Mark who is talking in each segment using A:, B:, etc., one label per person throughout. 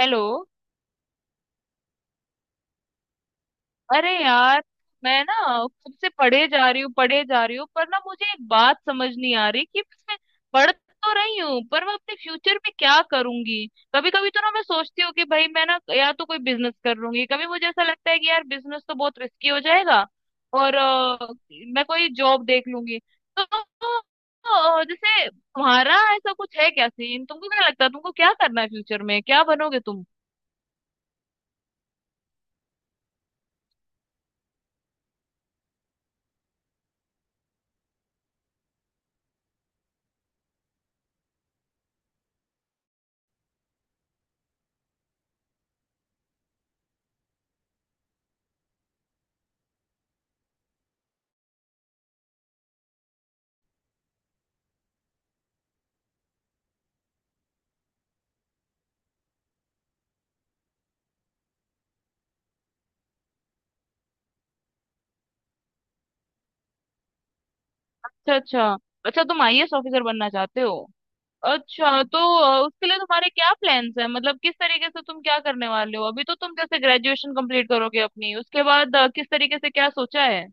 A: Hello. अरे यार, मैं ना खुद से पढ़े जा रही हूँ पढ़े जा रही हूँ पर ना मुझे एक बात समझ नहीं आ रही कि मैं पढ़ तो रही हूँ पर मैं अपने फ्यूचर में क्या करूंगी। कभी कभी तो ना मैं सोचती हूँ कि भाई मैं ना या तो कोई बिजनेस कर लूंगी, कभी मुझे ऐसा लगता है कि यार बिजनेस तो बहुत रिस्की हो जाएगा और मैं कोई जॉब देख लूंगी। तो जैसे तुम्हारा ऐसा कुछ है क्या सीन? तुमको क्या लगता है, तुमको क्या करना है फ्यूचर में, क्या बनोगे तुम? अच्छा अच्छा। अच्छा, तुम आईएएस ऑफिसर बनना चाहते हो? अच्छा, तो उसके लिए तुम्हारे क्या प्लान्स हैं? मतलब किस तरीके से तुम क्या करने वाले हो? अभी तो तुम जैसे ग्रेजुएशन कंप्लीट करोगे अपनी, उसके बाद किस तरीके से क्या सोचा है?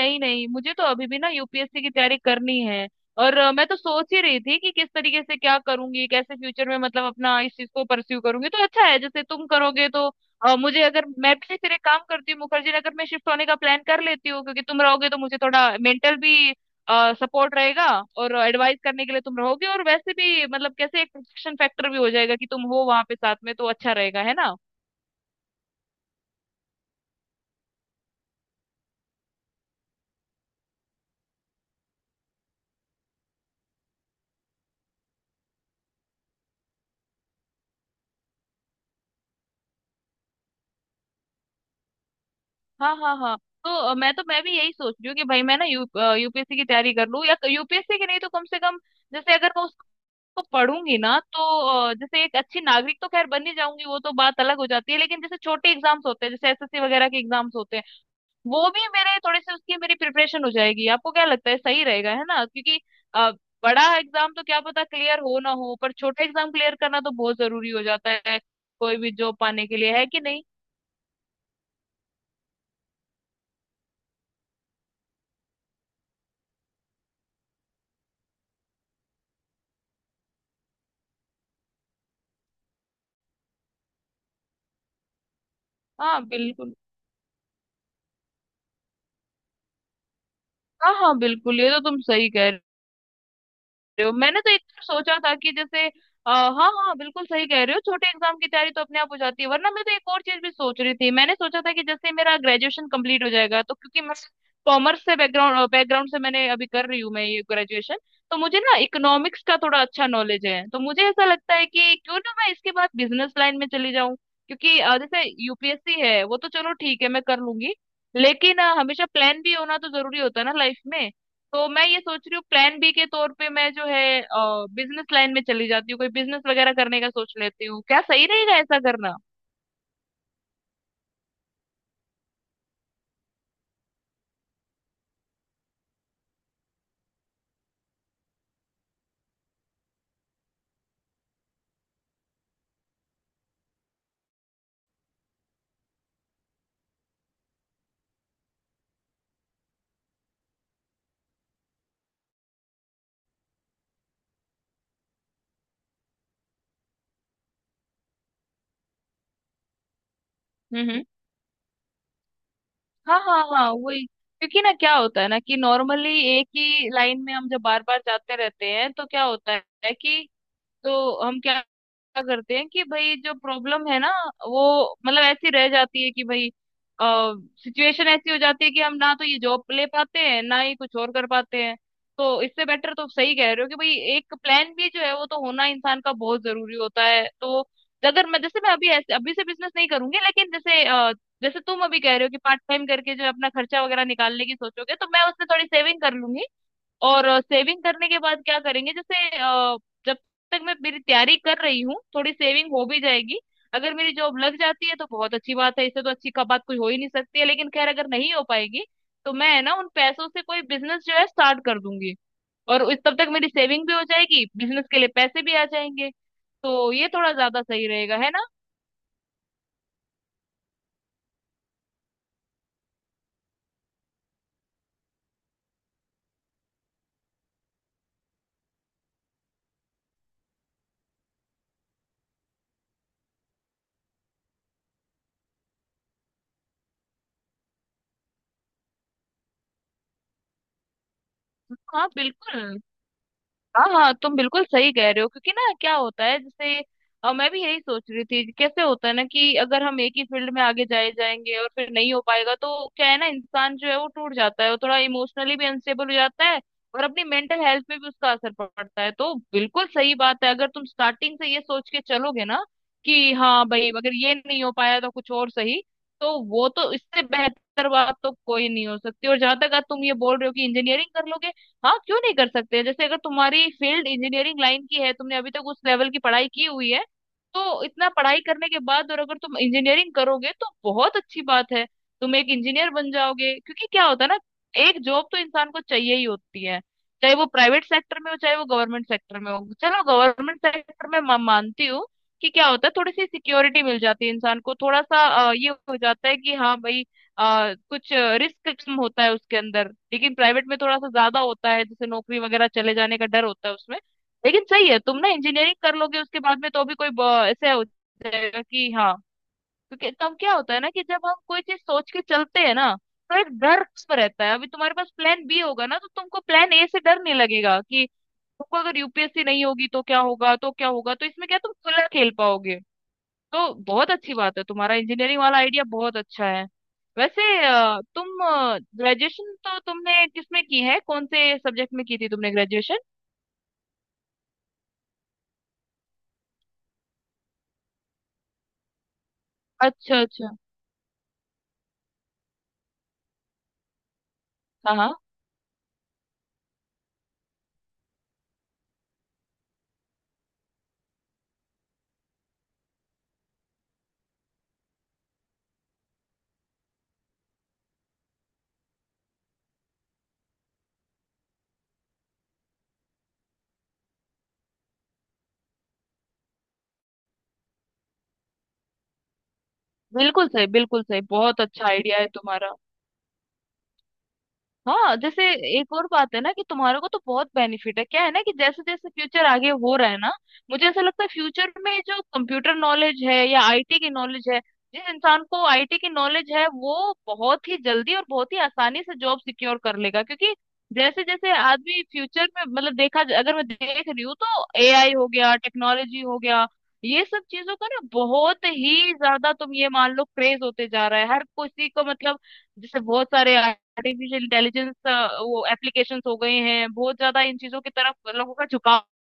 A: नहीं नहीं, मुझे तो अभी भी ना यूपीएससी की तैयारी करनी है। और मैं तो सोच ही रही थी कि किस तरीके से क्या करूंगी, कैसे फ्यूचर में मतलब अपना इस चीज को परस्यू करूंगी, तो अच्छा है, जैसे तुम करोगे तो मुझे अगर, मैं भी फिर एक काम करती हूँ, मुखर्जी नगर में शिफ्ट होने का प्लान कर लेती हूँ, क्योंकि तुम रहोगे तो मुझे थोड़ा मेंटल भी सपोर्ट रहेगा और एडवाइस करने के लिए तुम रहोगे और वैसे भी मतलब कैसे एक प्रोटेक्शन फैक्टर भी हो जाएगा कि तुम हो वहां पे साथ में, तो अच्छा रहेगा, है ना? हाँ हाँ हाँ। तो मैं भी यही सोच रही हूँ कि भाई मैं ना यूपीएससी की तैयारी कर लूँ, या तो यूपीएससी की, नहीं तो कम से कम जैसे अगर मैं उसको पढ़ूंगी ना तो जैसे एक अच्छी नागरिक तो खैर बन ही जाऊंगी, वो तो बात अलग हो जाती है, लेकिन जैसे छोटे एग्जाम्स होते हैं, जैसे एसएससी वगैरह के एग्जाम्स होते हैं, वो भी मेरे थोड़े से उसकी मेरी प्रिपरेशन हो जाएगी। आपको क्या लगता है, सही रहेगा है ना? क्योंकि अ, बड़ा एग्जाम तो क्या पता क्लियर हो ना हो, पर छोटे एग्जाम क्लियर करना तो बहुत जरूरी हो जाता है कोई भी जॉब पाने के लिए, है कि नहीं? हाँ बिल्कुल। हाँ हाँ बिल्कुल, ये तो तुम सही कह रहे हो। मैंने तो एक बार सोचा था कि जैसे हाँ हाँ बिल्कुल सही कह रहे हो, छोटे एग्जाम की तैयारी तो अपने आप हो जाती है। वरना मैं तो एक और चीज भी सोच रही थी, मैंने सोचा था कि जैसे मेरा ग्रेजुएशन कंप्लीट हो जाएगा, तो क्योंकि मैं कॉमर्स से बैकग्राउंड बैकग्राउंड से मैंने, अभी कर रही हूँ मैं ये ग्रेजुएशन, तो मुझे ना इकोनॉमिक्स का थोड़ा अच्छा नॉलेज है, तो मुझे ऐसा लगता है कि क्यों ना मैं इसके बाद बिजनेस लाइन में चली जाऊँ। क्योंकि जैसे यूपीएससी है वो तो चलो ठीक है मैं कर लूंगी, लेकिन हमेशा प्लान भी होना तो जरूरी होता है ना लाइफ में। तो मैं ये सोच रही हूँ, प्लान बी के तौर पे मैं जो है बिजनेस लाइन में चली जाती हूँ, कोई बिजनेस वगैरह करने का सोच लेती हूँ। क्या सही रहेगा ऐसा करना? हम्म। हाँ हाँ हाँ, वही, क्योंकि ना क्या होता है ना कि नॉर्मली एक ही लाइन में हम जब बार बार जाते रहते हैं तो क्या होता है कि तो हम क्या क्या करते हैं कि भाई जो प्रॉब्लम है ना वो मतलब ऐसी रह जाती है कि भाई सिचुएशन ऐसी हो जाती है कि हम ना तो ये जॉब ले पाते हैं ना ही कुछ और कर पाते हैं। तो इससे बेटर, तो सही कह रहे हो कि भाई एक प्लान भी जो है वो तो होना इंसान का बहुत जरूरी होता है। तो अगर मैं, जैसे मैं अभी ऐसे अभी से बिजनेस नहीं करूंगी, लेकिन जैसे जैसे तुम अभी कह रहे हो कि पार्ट टाइम करके जो है अपना खर्चा वगैरह निकालने की सोचोगे, तो मैं उसमें थोड़ी सेविंग कर लूंगी। और सेविंग करने के बाद क्या करेंगे, जैसे जब तक मैं मेरी तैयारी कर रही हूँ थोड़ी सेविंग हो भी जाएगी। अगर मेरी जॉब लग जाती है तो बहुत अच्छी बात है, इससे तो अच्छी का बात कोई हो ही नहीं सकती है, लेकिन खैर, अगर नहीं हो पाएगी तो मैं है ना उन पैसों से कोई बिजनेस जो है स्टार्ट कर दूंगी, और उस तब तक मेरी सेविंग भी हो जाएगी, बिजनेस के लिए पैसे भी आ जाएंगे। तो ये थोड़ा ज्यादा सही रहेगा, है ना? हाँ बिल्कुल। हाँ हाँ, तुम बिल्कुल सही कह रहे हो, क्योंकि ना क्या होता है, जैसे मैं भी यही सोच रही थी, कैसे होता है ना कि अगर हम एक ही फील्ड में आगे जाएंगे और फिर नहीं हो पाएगा, तो क्या है ना इंसान जो है वो टूट जाता है, वो थोड़ा इमोशनली भी अनस्टेबल हो जाता है और अपनी मेंटल हेल्थ पे भी उसका असर पड़ता है। तो बिल्कुल सही बात है, अगर तुम स्टार्टिंग से ये सोच के चलोगे ना कि हाँ भाई अगर ये नहीं हो पाया तो कुछ और सही, तो वो तो इससे बेहतर बात तो कोई नहीं हो सकती। और जहां तक आज तुम ये बोल रहे हो कि इंजीनियरिंग कर लोगे, हाँ क्यों नहीं कर सकते, जैसे अगर तुम्हारी फील्ड इंजीनियरिंग लाइन की है, तुमने अभी तक उस लेवल की पढ़ाई की हुई है, तो इतना पढ़ाई करने के बाद और अगर तुम इंजीनियरिंग करोगे तो बहुत अच्छी बात है, तुम एक इंजीनियर बन जाओगे। क्योंकि क्या होता है ना, एक जॉब तो इंसान को चाहिए ही होती है, चाहे वो प्राइवेट सेक्टर में हो चाहे वो गवर्नमेंट सेक्टर में हो। चलो गवर्नमेंट सेक्टर में मैं मानती हूँ कि क्या होता है, थोड़ी सी सिक्योरिटी मिल जाती है इंसान को, थोड़ा सा ये हो जाता है कि हाँ भाई कुछ रिस्क कम होता है उसके अंदर, लेकिन प्राइवेट में थोड़ा सा ज्यादा होता है, जैसे नौकरी वगैरह चले जाने का डर होता है उसमें। लेकिन सही है, तुम ना इंजीनियरिंग कर लोगे उसके बाद में, तो भी कोई ऐसे हो जाएगा कि हाँ, क्योंकि तब क्या होता है ना कि जब हम कोई चीज सोच के चलते हैं ना तो एक डर पर रहता है। अभी तुम्हारे पास प्लान बी होगा ना तो तुमको प्लान ए से डर नहीं लगेगा कि तुमको अगर यूपीएससी नहीं होगी तो क्या होगा तो क्या होगा, तो इसमें क्या तुम खुला खेल पाओगे। तो बहुत अच्छी बात है, तुम्हारा इंजीनियरिंग वाला आइडिया बहुत अच्छा है। वैसे तुम ग्रेजुएशन तो तुमने किसमें की है, कौन से सब्जेक्ट में की थी तुमने ग्रेजुएशन? अच्छा अच्छा। हाँ हाँ बिल्कुल सही, बिल्कुल सही, बहुत अच्छा आइडिया है तुम्हारा। हाँ जैसे एक और बात है ना कि तुम्हारे को तो बहुत बेनिफिट है, क्या है ना कि जैसे जैसे फ्यूचर आगे हो रहा है ना, मुझे ऐसा लगता है फ्यूचर में जो कंप्यूटर नॉलेज है या आईटी की नॉलेज है, जिस इंसान को आईटी की नॉलेज है वो बहुत ही जल्दी और बहुत ही आसानी से जॉब सिक्योर कर लेगा। क्योंकि जैसे जैसे आदमी फ्यूचर में, मतलब देखा अगर मैं देख रही हूँ तो एआई हो गया, टेक्नोलॉजी हो गया, ये सब चीजों का ना बहुत ही ज्यादा, तुम ये मान लो, क्रेज होते जा रहा है हर किसी को। मतलब जैसे बहुत सारे आर्टिफिशियल इंटेलिजेंस वो एप्लीकेशंस हो गए हैं, बहुत ज्यादा इन चीजों की तरफ लोगों का झुकाव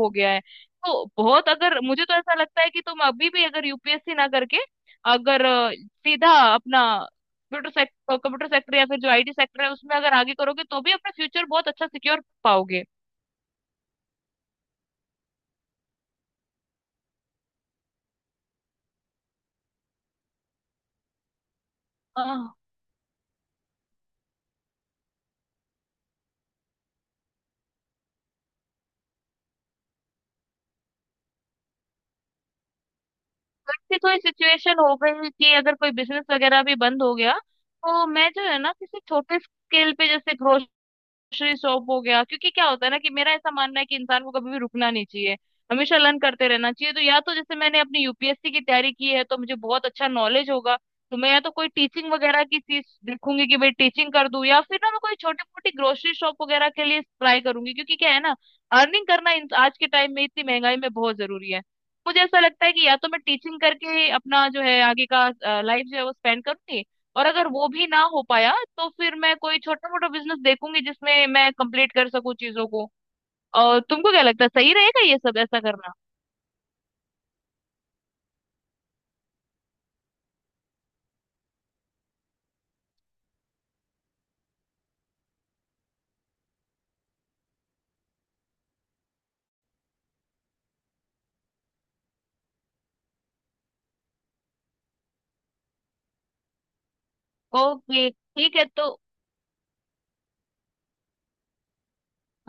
A: हो गया है। तो बहुत, अगर मुझे तो ऐसा लगता है कि तुम अभी भी अगर यूपीएससी ना करके अगर सीधा अपना कंप्यूटर सेक्टर या फिर जो आईटी सेक्टर है उसमें अगर आगे करोगे तो भी अपना फ्यूचर बहुत अच्छा सिक्योर पाओगे। आह, ऐसी कोई सिचुएशन हो गई कि अगर कोई बिजनेस वगैरह भी बंद हो गया, तो मैं जो है ना किसी छोटे स्केल पे, जैसे ग्रोसरी शॉप हो गया, क्योंकि क्या होता है ना कि मेरा ऐसा मानना है कि इंसान को कभी भी रुकना नहीं चाहिए, हमेशा लर्न करते रहना चाहिए। तो या तो जैसे मैंने अपनी यूपीएससी की तैयारी की है तो मुझे बहुत अच्छा नॉलेज होगा, तो मैं या तो कोई टीचिंग वगैरह की चीज देखूंगी कि भाई टीचिंग कर दूं, या फिर ना मैं कोई छोटी मोटी ग्रोसरी शॉप वगैरह के लिए ट्राई करूंगी। क्योंकि क्या है ना, अर्निंग करना आज के टाइम में इतनी महंगाई में बहुत जरूरी है। मुझे ऐसा लगता है कि या तो मैं टीचिंग करके अपना जो है आगे का लाइफ जो है वो स्पेंड करूंगी, और अगर वो भी ना हो पाया तो फिर मैं कोई छोटा मोटा बिजनेस देखूंगी जिसमें मैं कंप्लीट कर सकूं चीजों को। और तुमको क्या लगता है, सही रहेगा ये सब ऐसा करना? ओके ठीक है। तो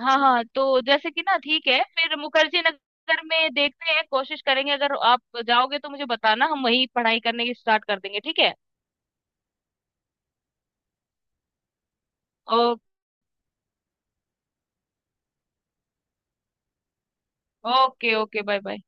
A: हाँ हाँ, तो जैसे कि ना ठीक है, फिर मुखर्जी नगर में देखते हैं, कोशिश करेंगे, अगर आप जाओगे तो मुझे बताना, हम वहीं पढ़ाई करने की स्टार्ट कर देंगे ठीक है? ओ, ओके ओके बाय बाय।